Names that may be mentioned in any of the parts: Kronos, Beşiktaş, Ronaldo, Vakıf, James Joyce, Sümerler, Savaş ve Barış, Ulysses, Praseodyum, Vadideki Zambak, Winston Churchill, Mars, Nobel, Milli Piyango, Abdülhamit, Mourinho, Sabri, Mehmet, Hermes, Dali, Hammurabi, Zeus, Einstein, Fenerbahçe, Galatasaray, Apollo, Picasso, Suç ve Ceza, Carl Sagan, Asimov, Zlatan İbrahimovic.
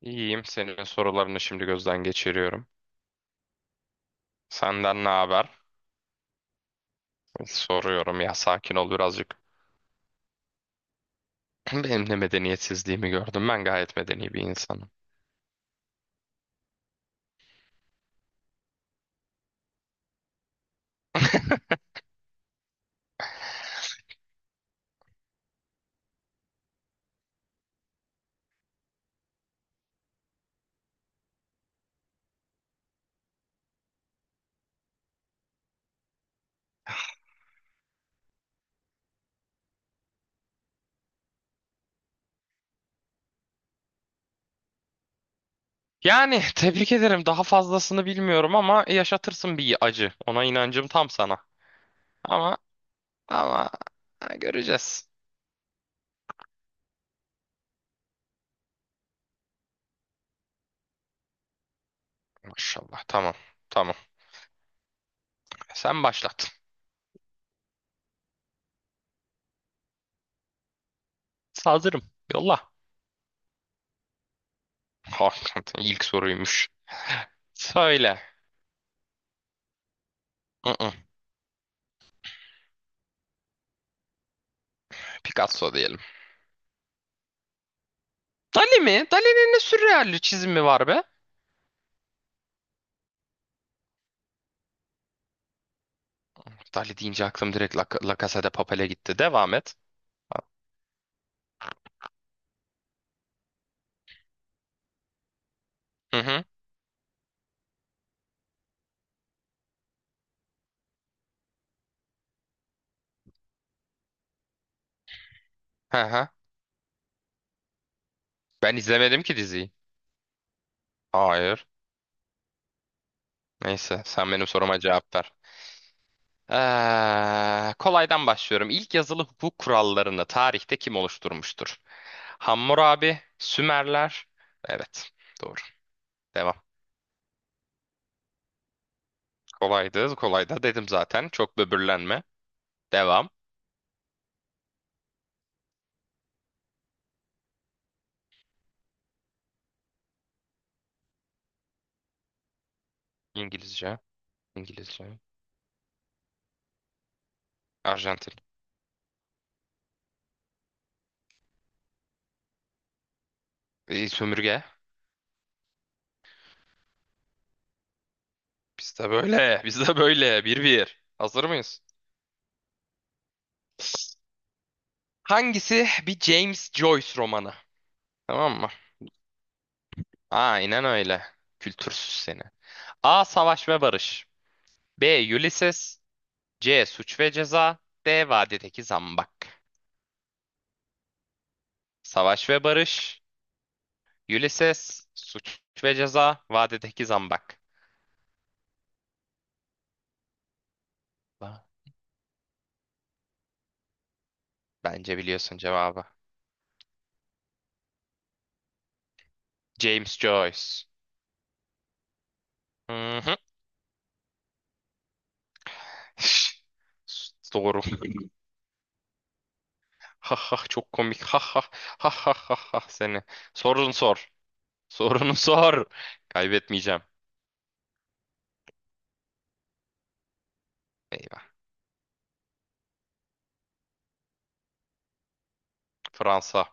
İyiyim. Senin sorularını şimdi gözden geçiriyorum. Senden ne haber? Soruyorum ya sakin ol birazcık. Benim de medeniyetsizliğimi gördüm. Ben gayet medeni bir insanım. Yani tebrik ederim. Daha fazlasını bilmiyorum ama yaşatırsın bir acı. Ona inancım tam sana. Ama ama ha, göreceğiz. Maşallah. Tamam. Tamam. Sen başlat. Hazırım. Yolla. Hakikaten ilk soruymuş. Söyle. Hı hı. Picasso diyelim. Dali mi? Dali'nin ne sürreal çizimi var be? Dali deyince aklım direkt La Casa de Papel'e gitti. Devam et. Hı hı. Hı hı. Ben izlemedim ki diziyi. Hayır. Neyse sen benim soruma cevap ver. Kolaydan başlıyorum. İlk yazılı hukuk kurallarını tarihte kim oluşturmuştur? Hammurabi, Sümerler. Evet, doğru. Devam. Kolaydı, kolay da dedim zaten. Çok böbürlenme. Devam. İngilizce, İngilizce. Arjantin. Sömürge. Biz de böyle. Bir bir. Hazır mıyız? Hangisi bir James Joyce romanı? Tamam mı? Aynen öyle. Kültürsüz seni. A. Savaş ve Barış. B. Ulysses. C. Suç ve Ceza. D. Vadideki Zambak. Savaş ve Barış. Ulysses. Suç ve Ceza. Vadideki Zambak. Ba- Bence biliyorsun cevabı. James Joyce. Hı hı. Doğru. Ha ha çok komik. Ha ha ha ha ha ha seni. Sorun sor. Sorunu sor. Kaybetmeyeceğim. Eyvah. Fransa.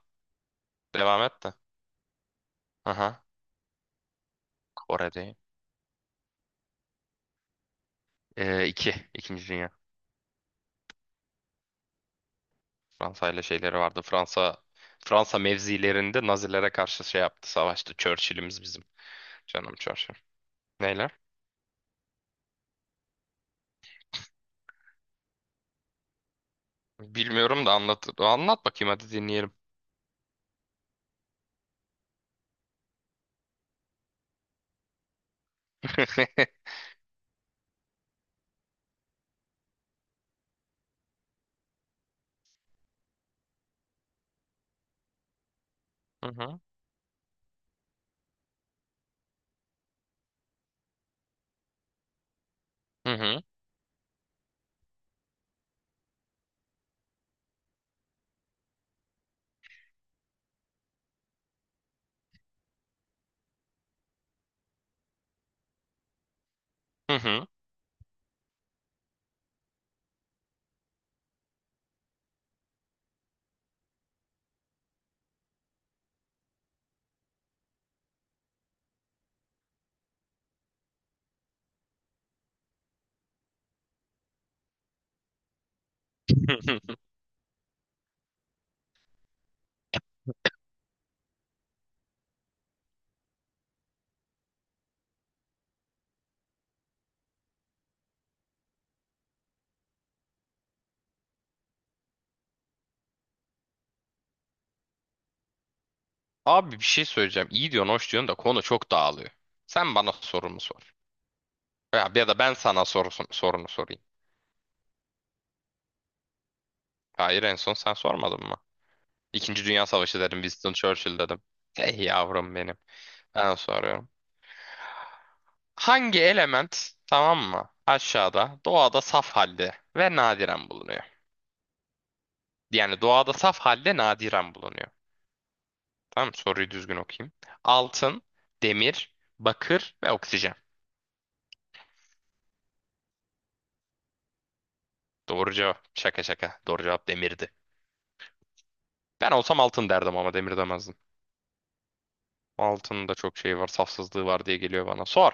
Devam et de. Aha. Kore değil. İki. İkinci Dünya. Fransa ile şeyleri vardı. Fransa mevzilerinde Nazilere karşı şey yaptı. Savaştı. Churchill'imiz bizim. Canım Churchill. Neyle? Bilmiyorum da anlat. Anlat bakayım hadi dinleyelim. Hı hı. Hı hı. Hı hı. Abi bir şey söyleyeceğim. İyi diyorsun, hoş diyorsun da konu çok dağılıyor. Sen bana sorumu sor. Ya, ya da ben sana sorunu sorayım. Hayır en son sen sormadın mı? İkinci Dünya Savaşı dedim. Winston Churchill dedim. Hey yavrum benim. Ben soruyorum. Hangi element tamam mı? Aşağıda doğada saf halde ve nadiren bulunuyor. Yani doğada saf halde nadiren bulunuyor. Tamam mı? Soruyu düzgün okuyayım. Altın, demir, bakır ve oksijen. Doğru cevap. Şaka şaka. Doğru cevap demirdi. Ben olsam altın derdim ama demir demezdim. Altının da çok şeyi var, safsızlığı var diye geliyor bana. Sor.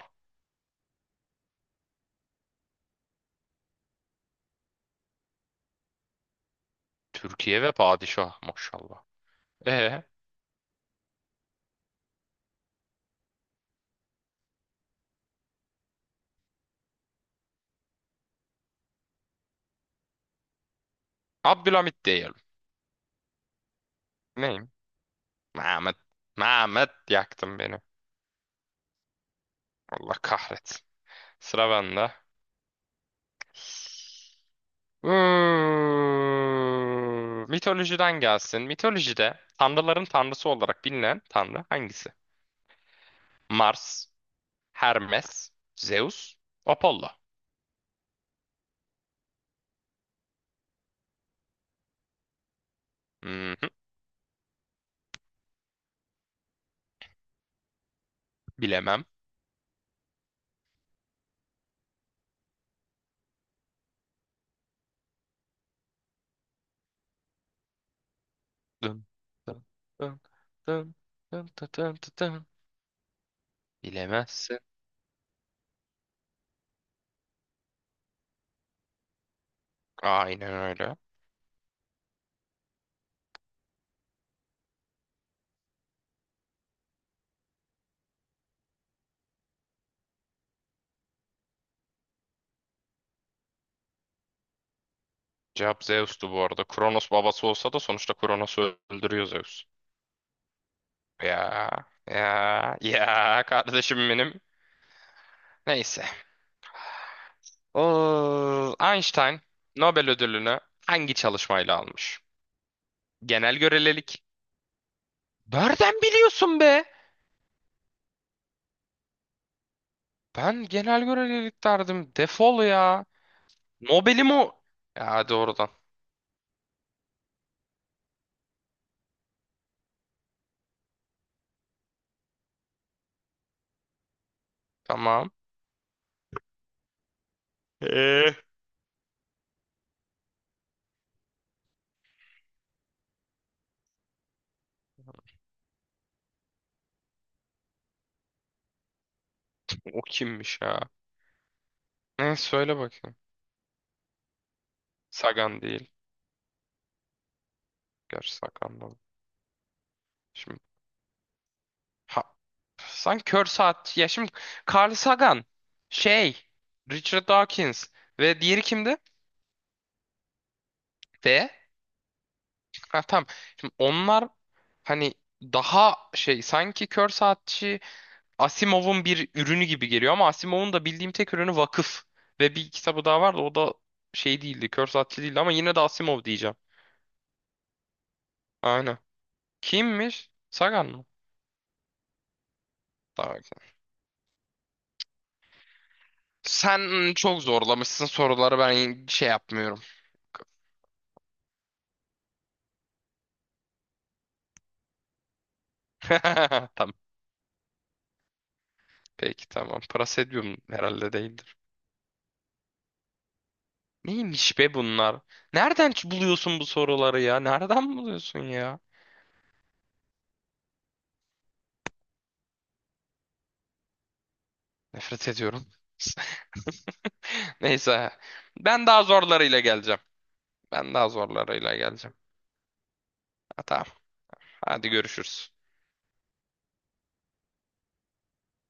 Türkiye ve padişah maşallah. Ee, Abdülhamit diyelim. Ne? Mehmet. Mehmet yaktın beni. Allah kahretsin. Sıra bende. Hmm, mitolojiden gelsin. Mitolojide tanrıların tanrısı olarak bilinen tanrı hangisi? Mars, Hermes, Zeus, Apollo. Hı hı, bilemem. Dın, dın, dın, dın, dın, dın, dın, dın. Bilemezsin. Aynen öyle. Cevap Zeus'tu bu arada. Kronos babası olsa da sonuçta Kronos'u öldürüyor Zeus. Ya ya ya kardeşim benim. Neyse. O Einstein Nobel ödülünü hangi çalışmayla almış? Genel görelilik. Nereden biliyorsun be? Ben genel görelilik derdim. Defol ya. Nobel'im o. Ya doğrudan. Tamam. Ee? O kimmiş ya? Neyse söyle bakayım. Sagan değil. Gerçi Sagan da. Şimdi ha, sen kör saat. Ya şimdi Carl Sagan, şey, Richard Dawkins ve diğeri kimdi? Ve ha, tamam. Şimdi onlar hani daha şey sanki kör saatçi Asimov'un bir ürünü gibi geliyor ama Asimov'un da bildiğim tek ürünü Vakıf ve bir kitabı daha vardı o da şey değildi kör saatçi değildi ama yine de Asimov diyeceğim. Aynen. Kimmiş? Sagan mı? Tamam. Sen çok zorlamışsın soruları ben şey yapmıyorum. Tamam. Peki tamam. Praseodyum herhalde değildir. Neymiş be bunlar? Nereden buluyorsun bu soruları ya? Nereden buluyorsun ya? Nefret ediyorum. Neyse. Ben daha zorlarıyla geleceğim. Ben daha zorlarıyla geleceğim. Ha, tamam. Hadi görüşürüz.